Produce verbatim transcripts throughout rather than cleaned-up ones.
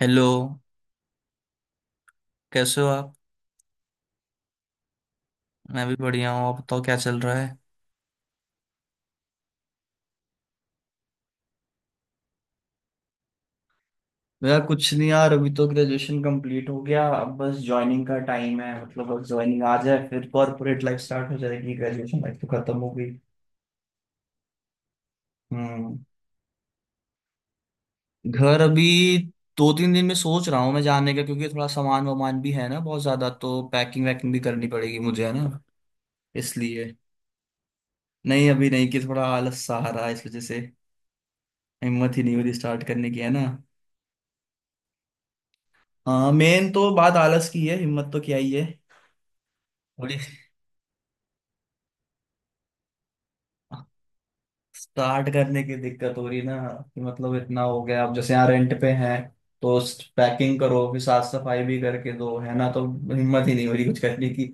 Hello. कैसे हो आप? मैं भी बढ़िया हूँ। आप बताओ क्या चल रहा है? मेरा कुछ नहीं यार, अभी तो ग्रेजुएशन कंप्लीट हो गया। अब बस ज्वाइनिंग का टाइम है, मतलब बस ज्वाइनिंग आ जाए फिर कॉर्पोरेट लाइफ स्टार्ट हो जाएगी। ग्रेजुएशन लाइफ तो खत्म हो गई। हम्म। घर अभी दो तीन दिन में सोच रहा हूँ मैं जाने का, क्योंकि थोड़ा सामान वामान भी है ना बहुत ज्यादा, तो पैकिंग वैकिंग भी करनी पड़ेगी मुझे, है ना, इसलिए। नहीं, अभी नहीं कि थोड़ा आलस सा आ रहा है इस वजह से। हिम्मत ही नहीं हो रही स्टार्ट करने की, है ना। हाँ, मेन तो बात आलस की है, हिम्मत तो क्या ही है। थोड़ी स्टार्ट करने की दिक्कत हो रही ना, कि मतलब इतना हो गया अब, जैसे यहाँ रेंट पे हैं तो पैकिंग करो, फिर साफ सफाई भी करके दो, है ना, तो हिम्मत ही नहीं हो रही कुछ करने की।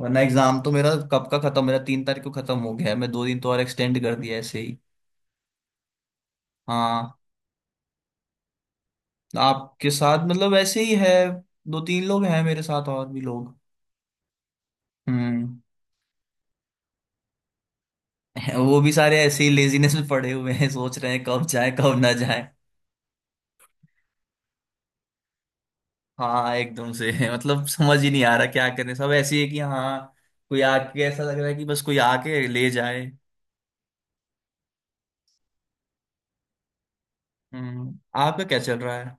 वरना एग्जाम तो मेरा कब का खत्म, मेरा तीन तारीख को खत्म हो गया है। मैं दो दिन तो और एक्सटेंड कर दिया ऐसे ही। हाँ, आपके साथ मतलब ऐसे ही है, दो तीन लोग हैं मेरे साथ और भी लोग। हम्म। वो भी सारे ऐसे ही लेजीनेस में पड़े हुए हैं, सोच रहे हैं कब जाए कब ना जाए। हाँ, एकदम से। मतलब समझ ही नहीं आ रहा क्या करें, सब ऐसी है कि हाँ कोई आके, ऐसा लग रहा है कि बस कोई आके ले जाए। हम्म। आपका क्या चल रहा है?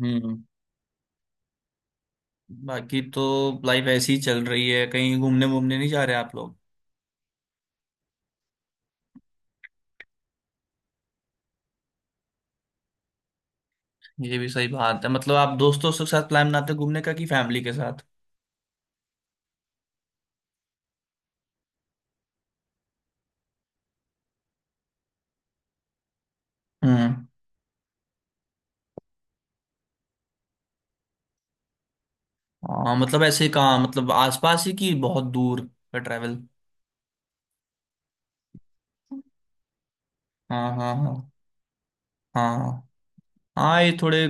हम्म। बाकी तो लाइफ ऐसी ही चल रही है। कहीं घूमने वूमने नहीं जा रहे आप लोग? ये भी सही बात है। मतलब आप दोस्तों के साथ प्लान बनाते हो घूमने का कि फैमिली के साथ? हम्म। हाँ, मतलब ऐसे कहाँ, मतलब आसपास ही कि बहुत दूर का ट्रैवल? हाँ, हाँ, हाँ। हाँ, हाँ, ये थोड़े।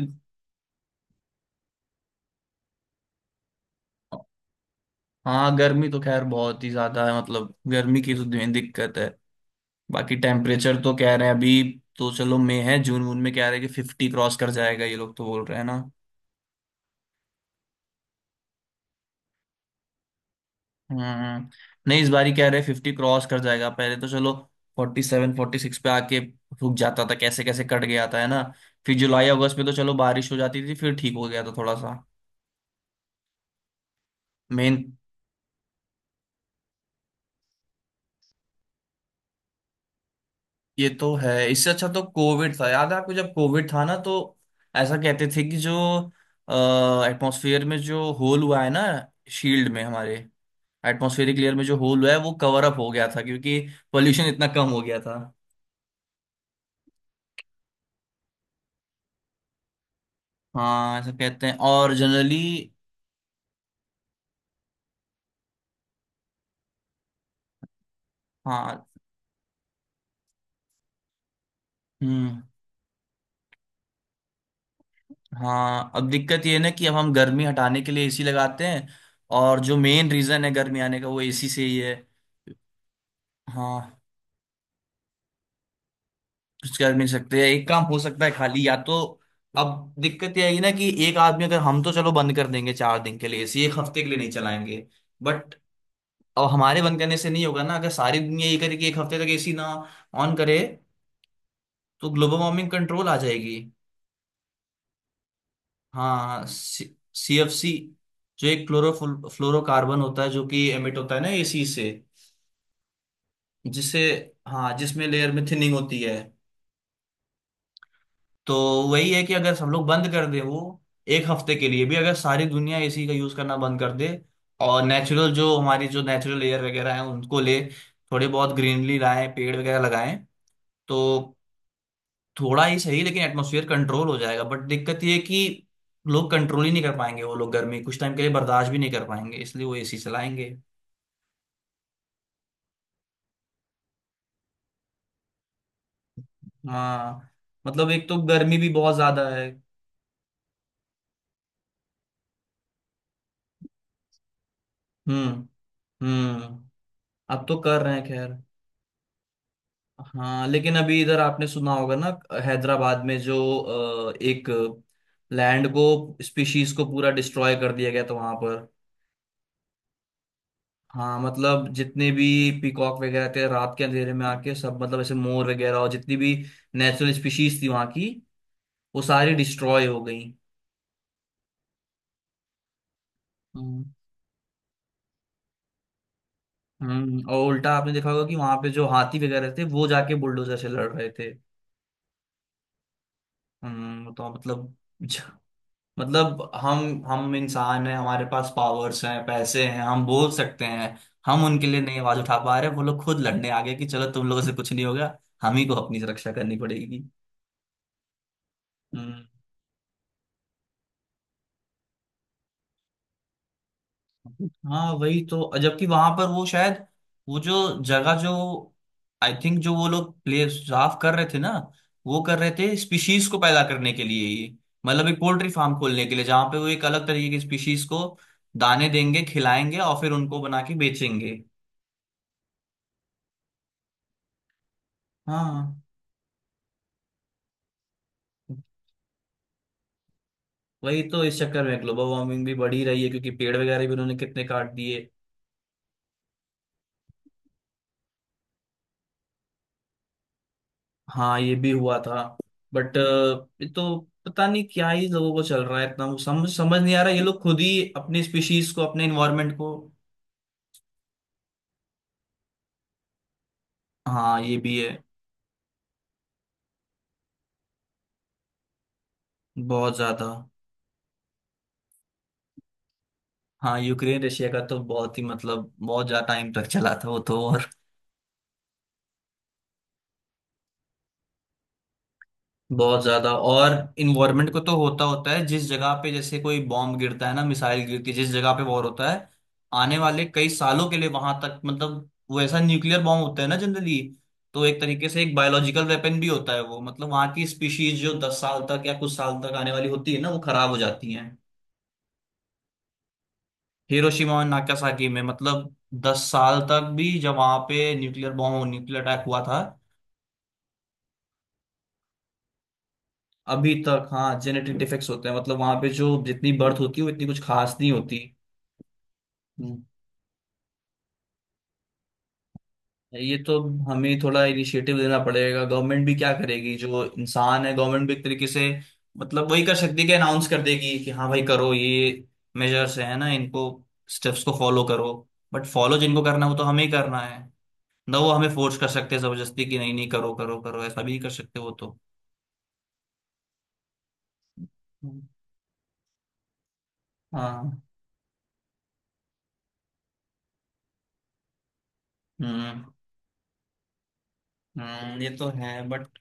हाँ, गर्मी तो खैर बहुत ही ज्यादा है। मतलब गर्मी की तो दिन- दिक्कत है। बाकी टेम्परेचर तो कह रहे हैं अभी। तो चलो मई है, जून वून में कह रहे हैं कि फिफ्टी क्रॉस कर जाएगा, ये लोग तो बोल रहे हैं ना। हम्म। नहीं, इस बार ही कह रहे हैं फिफ्टी क्रॉस कर जाएगा, पहले तो चलो फोर्टी सेवन फोर्टी सिक्स पे आके रुक जाता था। कैसे कैसे कट गया था, है ना। फिर जुलाई अगस्त में तो चलो बारिश हो जाती थी, फिर ठीक हो गया था थोड़ा सा। मेन। ये तो है। इससे अच्छा तो कोविड था, याद है आपको, जब कोविड था ना तो ऐसा कहते थे कि जो एटमॉस्फेयर में जो होल हुआ है ना, शील्ड में हमारे एटमॉस्फेरिक लेयर में जो होल हुआ है वो कवर अप हो गया था क्योंकि पोल्यूशन इतना कम हो गया था। हाँ, ऐसा कहते हैं, और जनरली। हाँ। हम्म। हाँ, अब दिक्कत ये है ना कि अब हम गर्मी हटाने के लिए एसी लगाते हैं, और जो मेन रीजन है गर्मी आने का वो एसी से ही है। हाँ, कुछ कर नहीं सकते। एक काम हो सकता है खाली, या तो अब दिक्कत ये आएगी ना कि एक आदमी, अगर हम तो चलो बंद कर देंगे चार दिन के लिए, इसी एक हफ्ते के लिए नहीं चलाएंगे, बट। अब हमारे बंद करने से नहीं होगा ना, अगर सारी दुनिया ये करे कि एक हफ्ते तक एसी ना ऑन करे तो ग्लोबल वार्मिंग कंट्रोल आ जाएगी। हाँ, सी एफ सी, जो एक क्लोरो फ्लोरोकार्बन होता है, जो कि एमिट होता है ना एसी से, जिससे, हाँ, जिसमें लेयर में थिनिंग होती है। तो वही है कि अगर सब लोग बंद कर दे वो एक हफ्ते के लिए भी, अगर सारी दुनिया एसी का यूज करना बंद कर दे, और नेचुरल जो हमारी जो नेचुरल एयर वगैरह है उनको ले, थोड़े बहुत ग्रीनरी लाएं, पेड़ वगैरह लगाएं। तो थोड़ा ही सही, लेकिन एटमोसफियर कंट्रोल हो जाएगा। बट दिक्कत ये है कि लोग कंट्रोल ही नहीं कर पाएंगे, वो लोग गर्मी कुछ टाइम के लिए बर्दाश्त भी नहीं कर पाएंगे, इसलिए वो एसी चलाएंगे। हाँ, मतलब एक तो गर्मी भी बहुत ज्यादा है। हम्म, हम्म। अब तो कर रहे हैं खैर। हाँ, लेकिन अभी इधर आपने सुना होगा ना, हैदराबाद में जो अ, एक लैंड को स्पीशीज को पूरा डिस्ट्रॉय कर दिया गया था वहां पर। हाँ, मतलब जितने भी पीकॉक वगैरह थे, रात के अंधेरे में आके सब, मतलब ऐसे मोर वगैरह और जितनी भी नेचुरल स्पीशीज थी वहां की, वो सारी डिस्ट्रॉय हो गई। हम्म, हम्म। और उल्टा आपने देखा होगा कि वहां पे जो हाथी वगैरह थे वो जाके बुलडोजर से लड़ रहे थे। हम्म। तो मतलब, मतलब हम हम इंसान हैं, हमारे पास पावर्स हैं, पैसे हैं, हम बोल सकते हैं। हम उनके लिए नहीं आवाज उठा पा रहे, वो लोग खुद लड़ने आ गए कि चलो तुम लोगों से कुछ नहीं होगा, हम ही को अपनी सुरक्षा करनी पड़ेगी। हम्म। हाँ, वही तो, जबकि वहां पर वो शायद, वो जो जगह जो, आई थिंक जो वो लोग प्ले साफ कर रहे थे ना, वो कर रहे थे स्पीशीज को पैदा करने के लिए ही। मतलब एक पोल्ट्री फार्म खोलने के लिए, जहाँ पे वो एक अलग तरीके की स्पीशीज को दाने देंगे, खिलाएंगे और फिर उनको बना के बेचेंगे। हाँ, वही तो, इस चक्कर में ग्लोबल वार्मिंग भी बढ़ी रही है, क्योंकि पेड़ वगैरह भी उन्होंने कितने काट दिए। हाँ, ये भी हुआ था, बट। ये तो पता नहीं क्या ही लोगों को चल रहा है, इतना समझ समझ नहीं आ रहा, ये लोग खुद ही अपनी स्पीशीज को अपने इन्वायरमेंट को। हाँ, ये भी है। बहुत ज्यादा। हाँ, यूक्रेन रशिया का तो बहुत ही, मतलब बहुत ज्यादा टाइम तक चला था वो तो, और। बहुत ज्यादा। और इन्वायरमेंट को तो होता होता है, जिस जगह पे जैसे कोई बॉम्ब गिरता है ना, मिसाइल गिरती है, जिस जगह पे वॉर होता है आने वाले कई सालों के लिए, वहां तक मतलब वो ऐसा न्यूक्लियर बॉम्ब होता है ना जनरली, तो एक तरीके से एक बायोलॉजिकल वेपन भी होता है वो। मतलब वहां की स्पीशीज जो दस साल तक या कुछ साल तक आने वाली होती है ना, वो खराब हो जाती हैं। हिरोशिमा और नागासाकी में, मतलब दस साल तक भी, जब वहां पे न्यूक्लियर बॉम्ब न्यूक्लियर अटैक हुआ था। अभी तक हाँ जेनेटिक डिफेक्ट्स होते हैं, मतलब वहां पे जो जितनी बर्थ होती है वो इतनी कुछ खास नहीं होती। हम्म। ये तो हमें थोड़ा इनिशिएटिव देना पड़ेगा, गवर्नमेंट भी क्या करेगी, जो इंसान है गवर्नमेंट भी एक तरीके से, मतलब वही कर सकती है कि अनाउंस कर देगी कि हाँ भाई करो ये मेजर्स है ना, इनको स्टेप्स को फॉलो करो। बट फॉलो जिनको करना है वो तो हमें ही करना है ना, वो हमें फोर्स कर सकते हैं जबरदस्ती कि नहीं नहीं करो करो करो, ऐसा भी नहीं कर सकते वो तो। हाँ, हम्म, हम्म। ये तो है बट,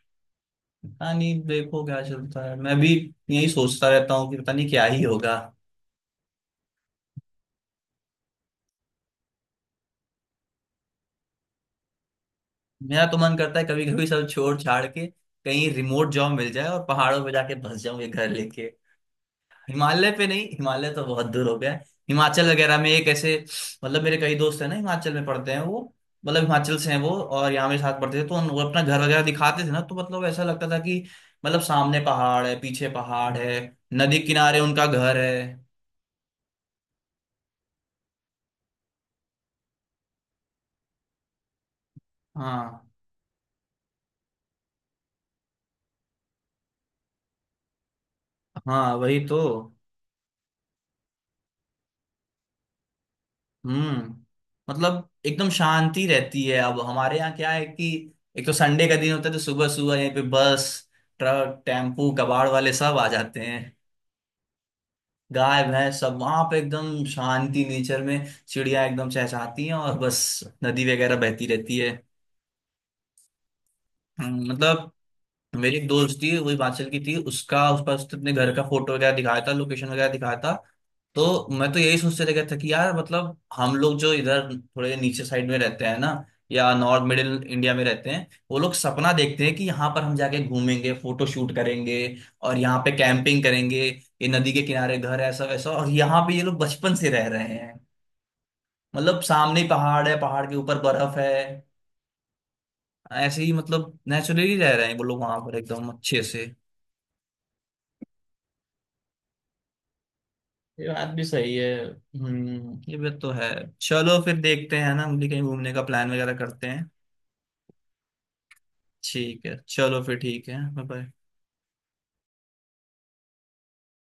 पता नहीं देखो क्या चलता है, मैं भी यही सोचता रहता हूँ कि पता नहीं क्या ही होगा। मेरा तो मन करता है कभी कभी सब छोड़ छाड़ के कहीं रिमोट जॉब मिल जाए और पहाड़ों पे जाके बस जाऊं, ये घर लेके। हिमालय पे नहीं, हिमालय तो बहुत दूर हो गया है। हिमाचल वगैरह में एक ऐसे, मतलब मेरे कई दोस्त हैं ना, हिमाचल में पढ़ते हैं वो, मतलब हिमाचल से हैं वो और यहाँ मेरे साथ पढ़ते थे, तो उन- वो अपना घर वगैरह दिखाते थे ना, तो मतलब ऐसा लगता था कि, मतलब सामने पहाड़ है, पीछे पहाड़ है, नदी किनारे उनका घर है। हाँ, हाँ, वही तो। हम्म। मतलब एकदम शांति रहती है। अब हमारे यहाँ क्या है कि एक तो संडे का दिन होता है, तो सुबह सुबह यहाँ पे बस ट्रक टेम्पू कबाड़ वाले सब आ जाते हैं, गाय भैंस सब। वहां पे एकदम शांति, नेचर में चिड़िया एकदम चहचहाती हैं और बस नदी वगैरह बहती रहती है। हम्म, मतलब मेरी एक दोस्त थी, वो हिमाचल की थी, उसका उस पर उसने अपने घर का फोटो वगैरह दिखाया था, लोकेशन वगैरह दिखाया था। तो मैं तो यही सोचते रह गया था कि यार, मतलब हम लोग जो इधर थोड़े नीचे साइड में रहते हैं ना, या नॉर्थ मिडिल इंडिया में रहते हैं, वो लोग सपना देखते हैं कि यहाँ पर हम जाके घूमेंगे, फोटो शूट करेंगे, और यहाँ पे कैंपिंग करेंगे, ये नदी के किनारे घर है, ऐसा वैसा, और यहाँ पे ये लोग बचपन से रह रहे हैं। मतलब सामने ही पहाड़ है, पहाड़ के ऊपर बर्फ है, ऐसे ही मतलब नेचुरली रह रहे हैं वो लोग वहां पर एकदम अच्छे से। ये बात भी सही है, हम्म, ये बात तो है। चलो फिर देखते हैं ना, हम भी कहीं घूमने का प्लान वगैरह करते हैं। ठीक है, चलो फिर, ठीक है। बाय।